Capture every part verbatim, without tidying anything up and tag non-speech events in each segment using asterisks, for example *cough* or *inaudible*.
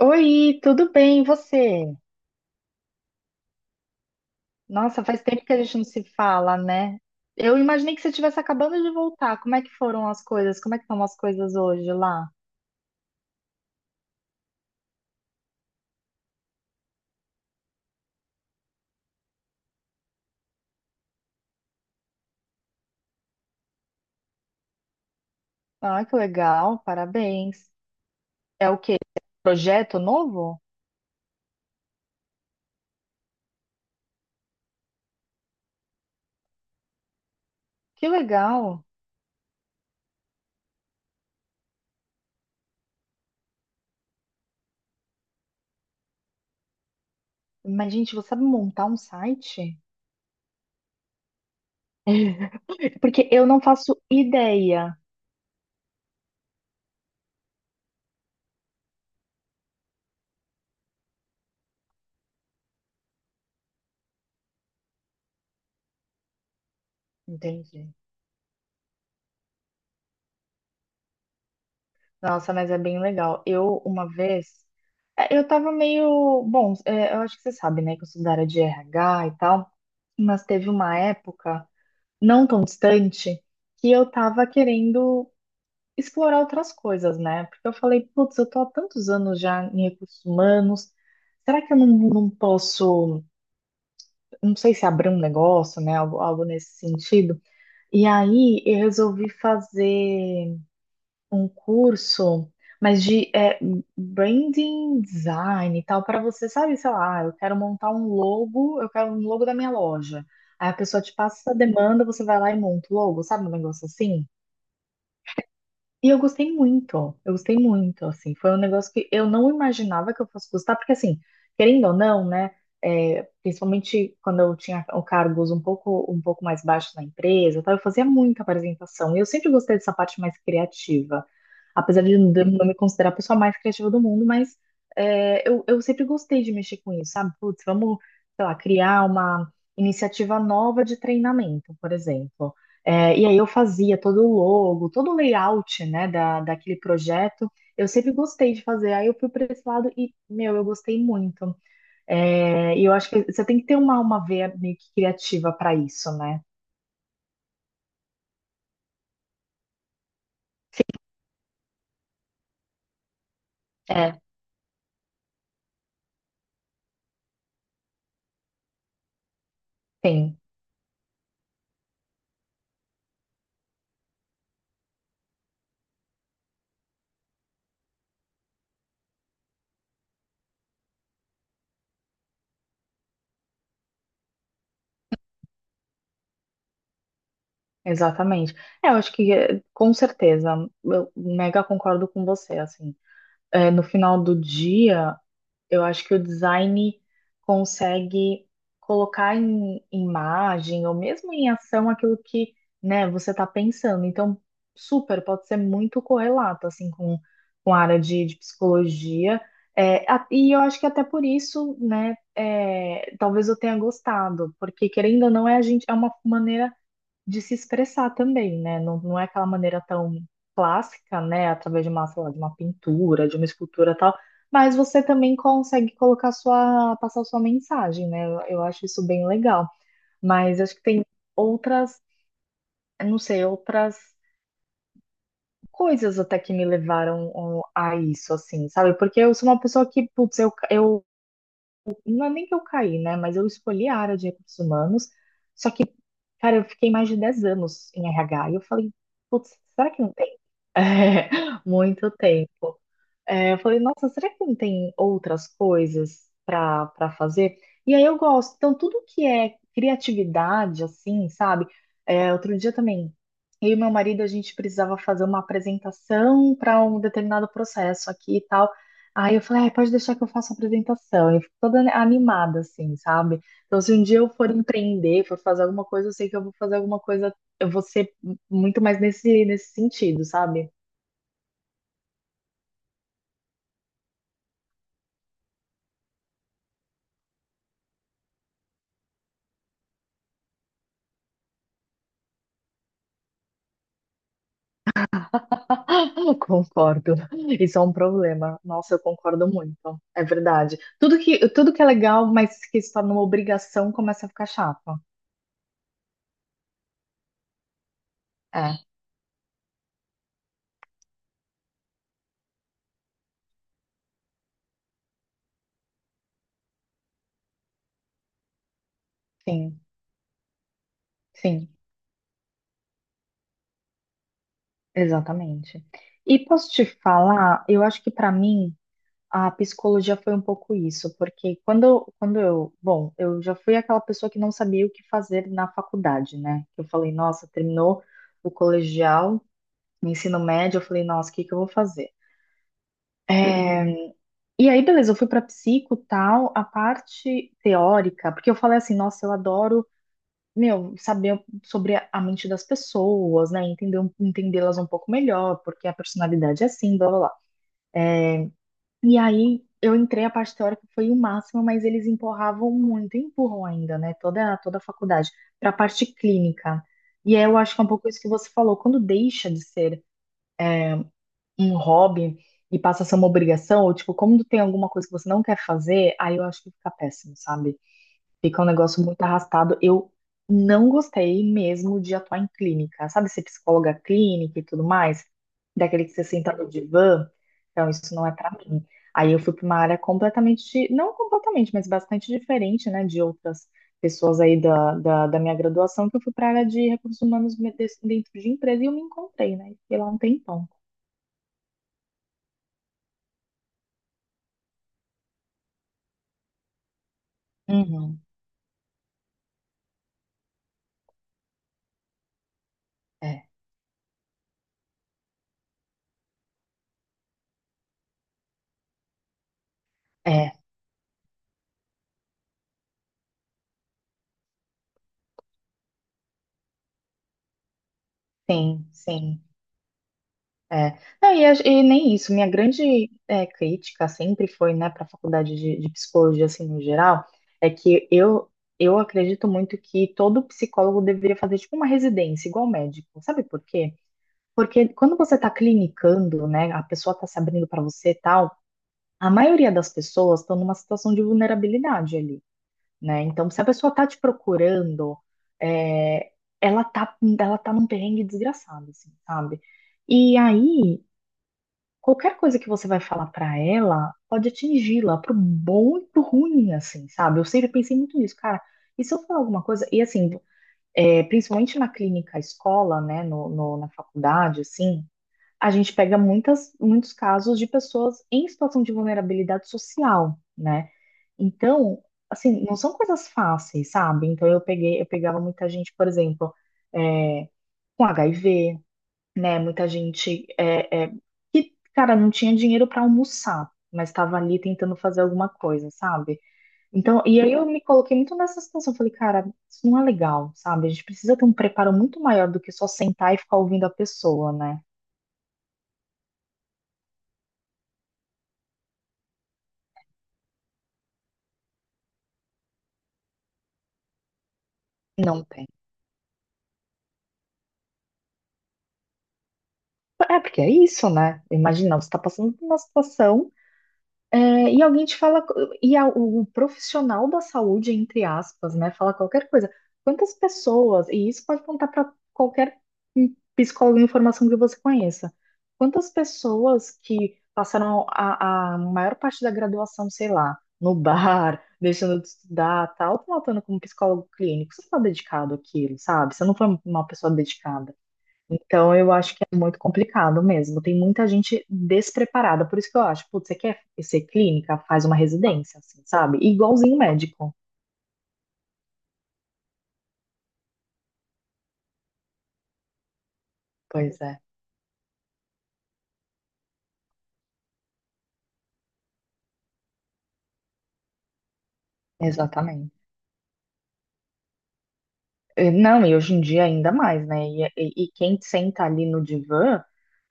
Oi, tudo bem, e você? Nossa, faz tempo que a gente não se fala, né? Eu imaginei que você estivesse acabando de voltar. Como é que foram as coisas? Como é que estão as coisas hoje lá? Ah, que legal, parabéns. É o quê? Projeto novo? Que legal. Mas, gente, você sabe montar um site? *laughs* Porque eu não faço ideia. Entendi. Nossa, mas é bem legal. Eu, uma vez, é, eu tava meio. Bom, é, eu acho que você sabe, né, que eu sou da área de R H e tal, mas teve uma época não tão distante que eu tava querendo explorar outras coisas, né? Porque eu falei, putz, eu tô há tantos anos já em recursos humanos, será que eu não, não posso, não sei se abrir um negócio, né, algo, algo nesse sentido? E aí eu resolvi fazer um curso, mas de é, branding design e tal, para você, sabe, sei lá, "Ah, eu quero montar um logo, eu quero um logo da minha loja. Aí a pessoa te passa essa demanda, você vai lá e monta o logo, sabe, um negócio assim? E eu gostei muito, eu gostei muito, assim, foi um negócio que eu não imaginava que eu fosse gostar, porque assim, querendo ou não, né, é, principalmente quando eu tinha o- cargos um pouco, um pouco mais baixos na empresa, tá, eu fazia muita apresentação, e eu sempre gostei dessa parte mais criativa, apesar de não eu não me considerar a pessoa mais criativa do mundo, mas é, eu, eu sempre gostei de mexer com isso, sabe? Putz, vamos, sei lá, criar uma iniciativa nova de treinamento, por exemplo. É, e aí eu fazia todo o logo, todo o layout, né, da, daquele projeto. Eu sempre gostei de fazer. Aí eu fui para esse lado e, meu, eu gostei muito. É, e eu acho que você tem que ter uma, uma veia meio que criativa para isso, né? É. Tem, exatamente. É, eu acho que, é, com certeza, eu mega concordo com você, assim. É, no final do dia. Eu acho que o design consegue colocar em imagem ou mesmo em ação aquilo que, né, você está pensando. Então, super, pode ser muito correlato, assim, com, com a área de, de psicologia. É, a- e eu acho que até por isso, né, é, talvez eu tenha gostado, porque querendo ou não, é a gente, é uma maneira de se expressar também, né? Não, não é aquela maneira tão clássica, né? Através de uma, sei lá, de uma pintura, de uma escultura tal, mas você também consegue colocar sua, passar sua mensagem, né? Eu, eu acho isso bem legal. Mas acho que tem outras, eu não sei, outras coisas até que me levaram ó, a isso, assim, sabe? Porque eu sou uma pessoa que, putz, eu, ca- eu não é nem que eu caí, né? Mas eu escolhi a área de recursos humanos, só que, cara, eu fiquei mais de dez anos em R H e eu falei, putz, será que É, *laughs* muito tempo. É, eu falei, nossa, será que não tem outras coisas para para fazer? E aí eu gosto. Então, tudo que é criatividade, assim, sabe? É, outro dia também, eu e meu marido, a gente precisava fazer uma apresentação para um determinado processo aqui e tal. Aí eu falei, "Ai, pode deixar que eu faça a apresentação. Eu fico toda animada, assim, sabe? Então, se um dia eu for empreender, for fazer alguma coisa, eu sei que eu vou fazer alguma coisa, eu vou ser muito mais nesse, nesse sentido, sabe? *laughs* Eu concordo. Isso é um problema. Nossa, eu concordo muito. É verdade. Tudo que, tudo que é legal, mas que se torna uma obrigação, começa a ficar chato. É, sim, sim, exatamente. E posso te falar, eu acho que para mim a psicologia foi um pouco isso, porque quando, quando eu, bom, eu já fui aquela pessoa que não sabia o que fazer na faculdade, né? Eu falei, nossa, terminou o colegial, o ensino médio, eu falei, nossa, o que que eu vou fazer? É, e aí, beleza, eu fui pra psico, tal, a parte teórica, porque eu falei assim, nossa, eu adoro, meu, saber sobre a a mente das pessoas, né, entender, um- entendê-las um pouco melhor, porque a personalidade é assim, blá, blá, blá. E aí, eu entrei, a parte teórica foi o máximo, mas eles empurravam muito, empurram ainda, né, toda, toda a faculdade, pra parte clínica. E aí, eu acho que é um pouco isso que você falou, quando deixa de ser um hobby e passa a ser uma obrigação, ou tipo, quando tem alguma coisa que você não quer fazer, aí eu acho que fica péssimo, sabe? Fica um negócio muito arrastado. Eu não gostei mesmo de atuar em clínica. Sabe ser psicóloga clínica e tudo mais? Daquele que você senta no divã? Então, isso não é pra mim. Aí eu fui pra uma área completamente, não completamente, mas bastante diferente, né, de outras pessoas aí da, da, da minha graduação, que eu fui pra área de recursos humanos me- des- dentro de empresa e eu me encontrei, né? Fiquei lá um tempão. Uhum. É, é, sim, sim. É. Não, e, a- e nem isso. Minha grande é, crítica sempre foi, né, para a faculdade de, de psicologia, assim, no geral, é que eu, eu acredito muito que todo psicólogo deveria fazer, tipo, uma residência, igual médico. Sabe por quê? Porque quando você está clinicando, né, a pessoa está se abrindo para você e tal, a maioria das pessoas estão numa situação de vulnerabilidade ali, né? Então, se a pessoa está te procurando, é, ela tá, ela tá num perrengue desgraçado, assim, sabe? E aí qualquer coisa que você vai falar pra ela pode atingi-la pro bom e pro ruim, assim, sabe? Eu sempre pensei muito nisso, cara. E se eu falar alguma coisa, e assim, é, principalmente na clínica escola, né, no, no- na faculdade, assim, a gente pega muitas, muitos casos de pessoas em situação de vulnerabilidade social, né? Então, assim, não são coisas fáceis, sabe? Então eu peguei, eu pegava muita gente, por exemplo, é, com H I V, né? Muita gente é, é, que, cara, não tinha dinheiro para almoçar, mas estava ali tentando fazer alguma coisa, sabe? Então, e aí eu me coloquei muito nessa situação. Falei, cara, isso não é legal, sabe? A gente precisa ter um preparo muito maior do que só sentar e ficar ouvindo a pessoa, né? Não tem. É, porque é isso, né? Imagina, você está passando por uma situação. É, e alguém te fala, e a- o profissional da saúde, entre aspas, né, fala qualquer coisa. Quantas pessoas, e isso pode contar para qualquer psicólogo em formação que você conheça, quantas pessoas que passaram a, a maior parte da graduação, sei lá, no bar, *laughs* deixando de estudar, tal, estão atuando como psicólogo clínico? Você não está dedicado àquilo, sabe? Você não foi uma pessoa dedicada. Então, eu acho que é muito complicado mesmo. Tem muita gente despreparada. Por isso que eu acho, putz, você quer ser clínica? Faz uma residência, assim, sabe? Igualzinho médico. Pois é, exatamente. Eh, não, e hoje em dia ainda mais, né? E, e- e quem senta ali no divã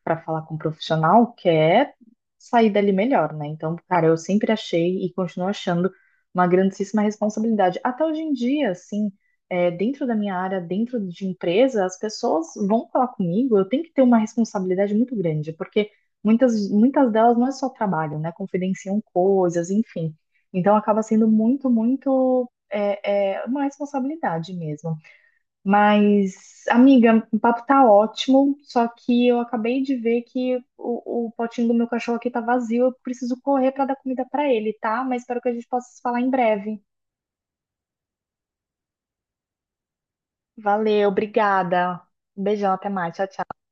para falar com o profissional quer sair dali melhor, né? Então, cara, eu sempre achei e continuo achando uma grandíssima responsabilidade. Até hoje em dia, assim, eh, dentro da minha área, dentro de empresa, as pessoas vão falar comigo, eu tenho que ter uma responsabilidade muito grande, porque muitas, muitas delas não é só trabalho, né? Confidenciam coisas, enfim. Então, acaba sendo muito, muito. É, é uma responsabilidade mesmo. Mas, amiga, o papo tá ótimo, só que eu acabei de ver que o, o potinho do meu cachorro aqui tá vazio, eu preciso correr pra dar comida pra ele, tá? Mas espero que a gente possa se falar em breve. Valeu, obrigada. Um beijão, até mais. Tchau, tchau.